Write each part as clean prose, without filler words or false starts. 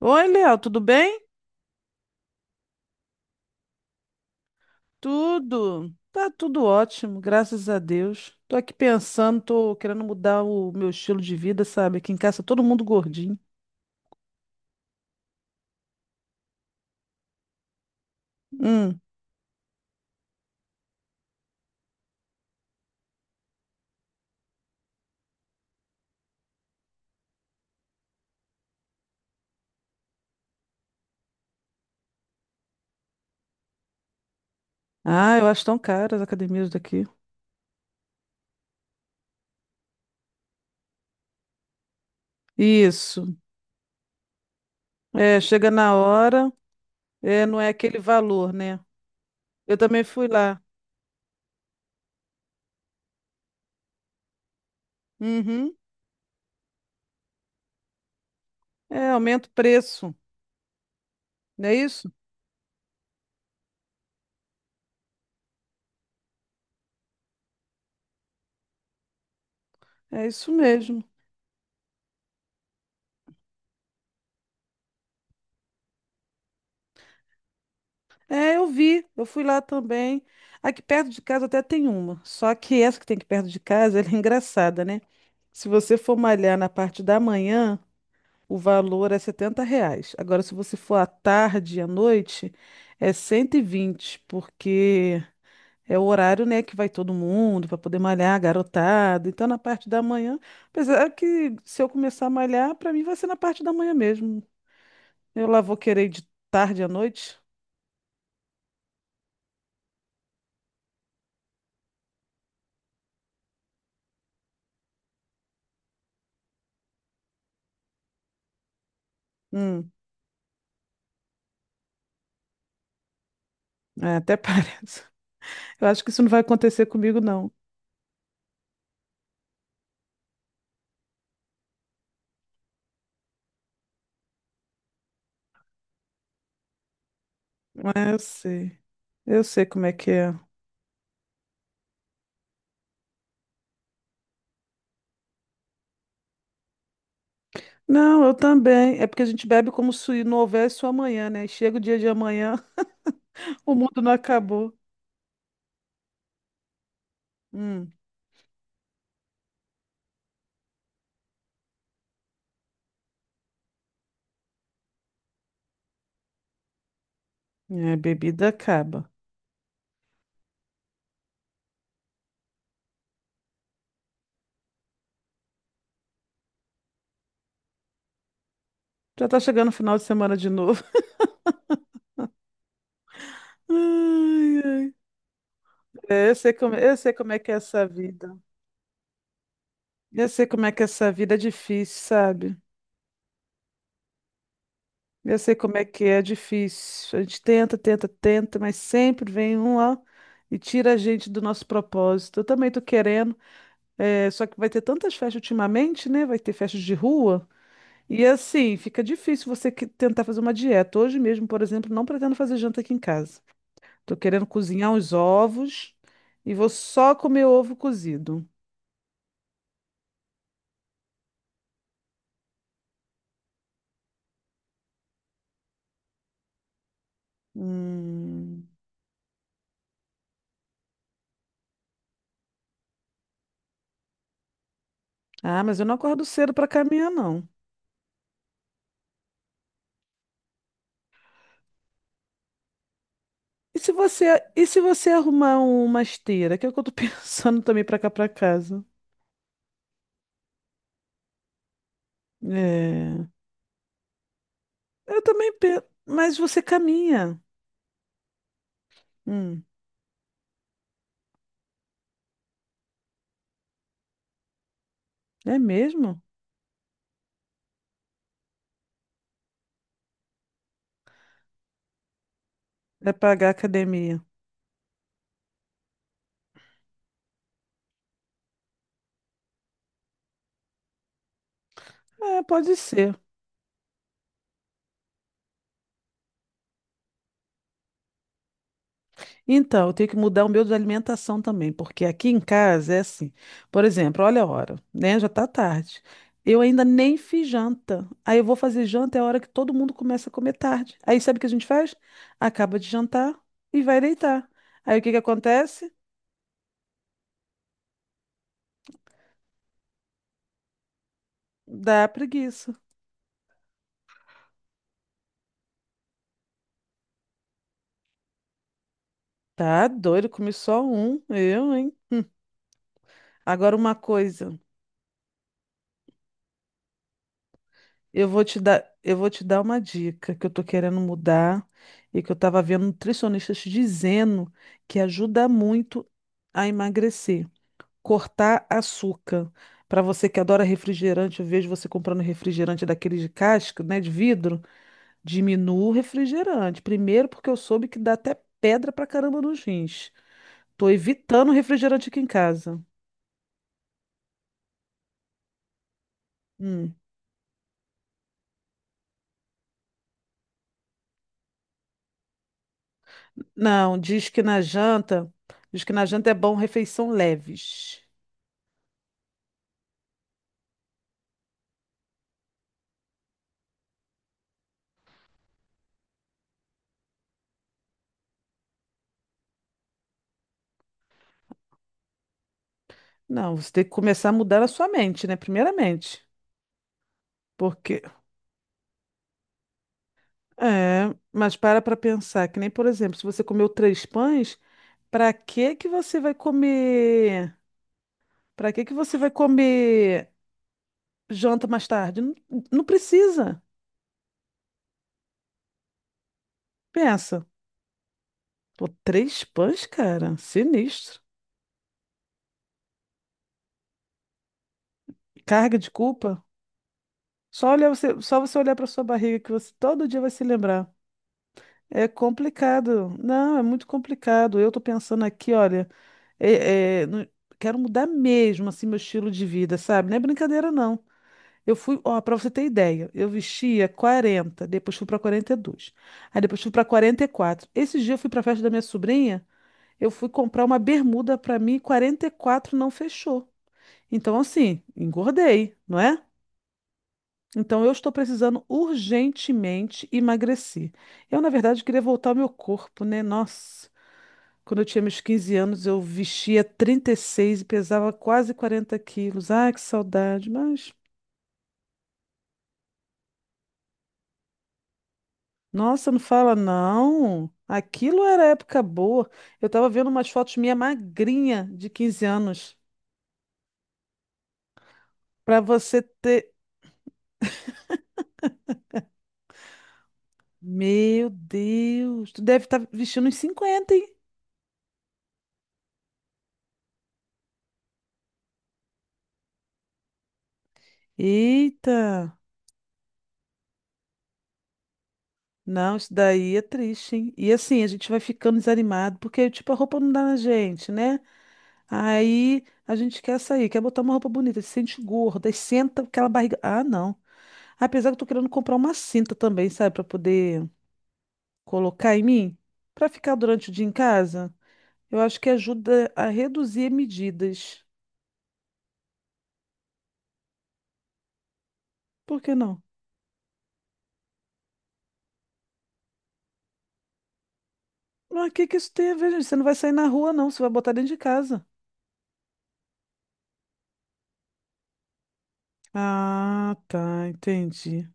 Oi, Léo, tudo bem? Tudo. Tá tudo ótimo, graças a Deus. Tô aqui pensando, tô querendo mudar o meu estilo de vida, sabe? Aqui em casa todo mundo gordinho. Hum. Ah, eu acho tão caras as academias daqui. Isso. É, chega na hora, é, não é aquele valor, né? Eu também fui lá. Uhum. É, aumenta o preço, não é isso? É isso mesmo. É, eu vi, eu fui lá também. Aqui perto de casa até tem uma, só que essa que tem aqui perto de casa, ela é engraçada, né? Se você for malhar na parte da manhã, o valor é R$ 70. Agora, se você for à tarde e à noite, é 120, porque é o horário, né, que vai todo mundo para poder malhar, garotada. Então, na parte da manhã, apesar que se eu começar a malhar, para mim vai ser na parte da manhã mesmo. Eu lá vou querer ir de tarde à noite. Hum, É, até parece. Eu acho que isso não vai acontecer comigo, não. É, eu sei. Eu sei como é que é. Não, eu também. É porque a gente bebe como se não houvesse o amanhã, né? Chega o dia de amanhã, o mundo não acabou. Hum, É, bebida acaba. Já tá chegando o final de semana de novo. Ai, ai. É, eu sei como é que é essa vida. Eu sei como é que é essa vida é difícil, sabe? Eu sei como é que é difícil. A gente tenta, tenta, tenta, mas sempre vem um lá e tira a gente do nosso propósito. Eu também tô querendo, só que vai ter tantas festas ultimamente, né? Vai ter festas de rua. E assim, fica difícil você tentar fazer uma dieta. Hoje mesmo, por exemplo, não pretendo fazer janta aqui em casa. Tô querendo cozinhar uns ovos e vou só comer ovo cozido. Hum. Ah, mas eu não acordo cedo para caminhar, não. E se você, e se você arrumar uma esteira, que é o que eu tô pensando também pra cá pra casa. É, eu também penso, mas você caminha. Hum, é mesmo? É pagar academia. É, pode ser. Então, eu tenho que mudar o meu de alimentação também, porque aqui em casa é assim. Por exemplo, olha a hora, né? Já tá tarde. Eu ainda nem fiz janta. Aí eu vou fazer janta, é a hora que todo mundo começa a comer tarde. Aí sabe o que a gente faz? Acaba de jantar e vai deitar. Aí o que que acontece? Dá preguiça. Tá doido, comi só um, eu, hein? Agora uma coisa, eu vou te dar uma dica que eu tô querendo mudar e que eu tava vendo nutricionistas dizendo que ajuda muito a emagrecer, cortar açúcar. Para você que adora refrigerante, eu vejo você comprando refrigerante daqueles de casca, né, de vidro, diminua o refrigerante. Primeiro porque eu soube que dá até pedra pra caramba nos rins. Tô evitando refrigerante aqui em casa. Hum. Não, diz que na janta é bom refeição leves. Não, você tem que começar a mudar a sua mente, né? Primeiramente. Porque, é, mas para pensar, que nem, por exemplo, se você comeu três pães, para que que você vai comer? Para que que você vai comer janta mais tarde? Não, não precisa. Pensa. Pô, três pães, cara, sinistro. Carga de culpa. Só olhar você, só você olhar para sua barriga que você todo dia vai se lembrar. É complicado. Não, é muito complicado. Eu tô pensando aqui, olha, é- é, no- quero mudar mesmo assim meu estilo de vida, sabe? Não é brincadeira, não. Eu fui, ó, pra você ter ideia, eu vestia 40, depois fui pra 42. Aí depois fui pra 44. Esse dia eu fui pra festa da minha sobrinha, eu fui comprar uma bermuda pra mim, 44 não fechou. Então assim, engordei, não é? Então, eu estou precisando urgentemente emagrecer. Eu, na verdade, queria voltar ao meu corpo, né? Nossa, quando eu tinha meus 15 anos, eu vestia 36 e seis e pesava quase 40 quilos. Ai, que saudade. Mas, nossa, não fala não. Aquilo era época boa. Eu estava vendo umas fotos minha magrinha de 15 anos. Para você ter. Meu Deus, tu deve estar vestindo uns 50, hein? Eita! Não, isso daí é triste, hein? E assim, a gente vai ficando desanimado, porque, tipo, a roupa não dá na gente, né? Aí a gente quer sair, quer botar uma roupa bonita, se sente gorda, aí senta aquela barriga. Ah, não. Apesar que eu tô querendo comprar uma cinta também, sabe, pra poder colocar em mim, pra ficar durante o dia em casa. Eu acho que ajuda a reduzir medidas. Por que não? Mas o que que isso tem a ver, gente? Você não vai sair na rua, não, você vai botar dentro de casa. Ah, tá, entendi.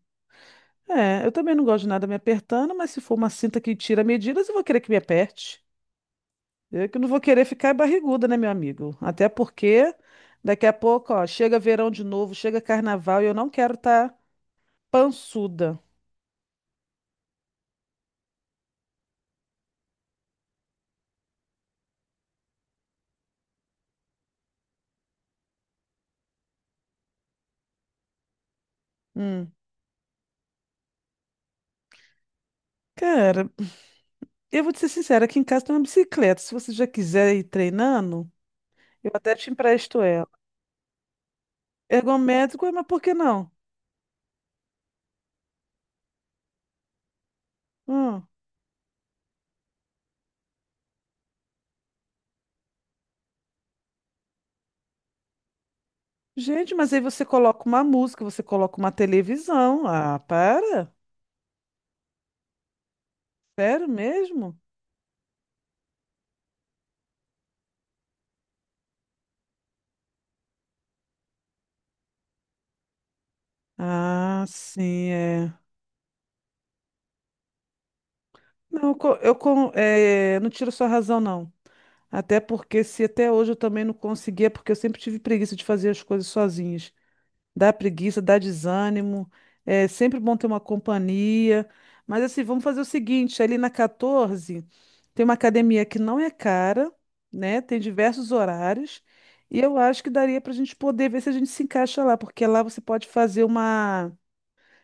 É, eu também não gosto de nada me apertando, mas se for uma cinta que tira medidas, eu vou querer que me aperte. Eu que não vou querer ficar barriguda, né, meu amigo? Até porque daqui a pouco, ó, chega verão de novo, chega carnaval e eu não quero estar pançuda. Hum. Cara, eu vou te ser sincera, aqui em casa tem uma bicicleta. Se você já quiser ir treinando, eu até te empresto ela. Ergométrico, mas por que não? Hum. Gente, mas aí você coloca uma música, você coloca uma televisão. Ah, para? Sério mesmo? Ah, sim, é. Não, eu, co- eu con- é, não tiro sua razão, não. Até porque se até hoje eu também não conseguia, porque eu sempre tive preguiça de fazer as coisas sozinhas. Dá preguiça, dá desânimo. É sempre bom ter uma companhia. Mas assim, vamos fazer o seguinte, ali na 14 tem uma academia que não é cara, né? Tem diversos horários. E eu acho que daria para a gente poder ver se a gente se encaixa lá, porque lá você pode fazer.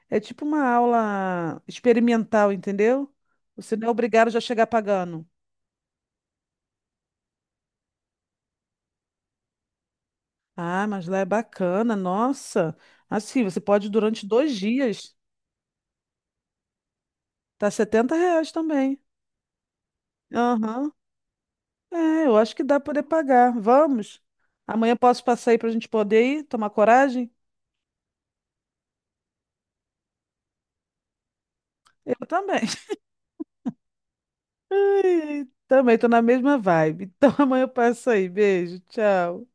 É tipo uma aula experimental, entendeu? Você não é obrigado já a chegar pagando. Ah, mas lá é bacana, nossa. Assim, você pode ir durante dois dias. Tá, setenta reais também. Aham. É, eu acho que dá pra poder pagar. Vamos? Amanhã posso passar aí pra gente poder ir, tomar coragem? Eu também. Também tô na mesma vibe. Então amanhã eu passo aí. Beijo, tchau.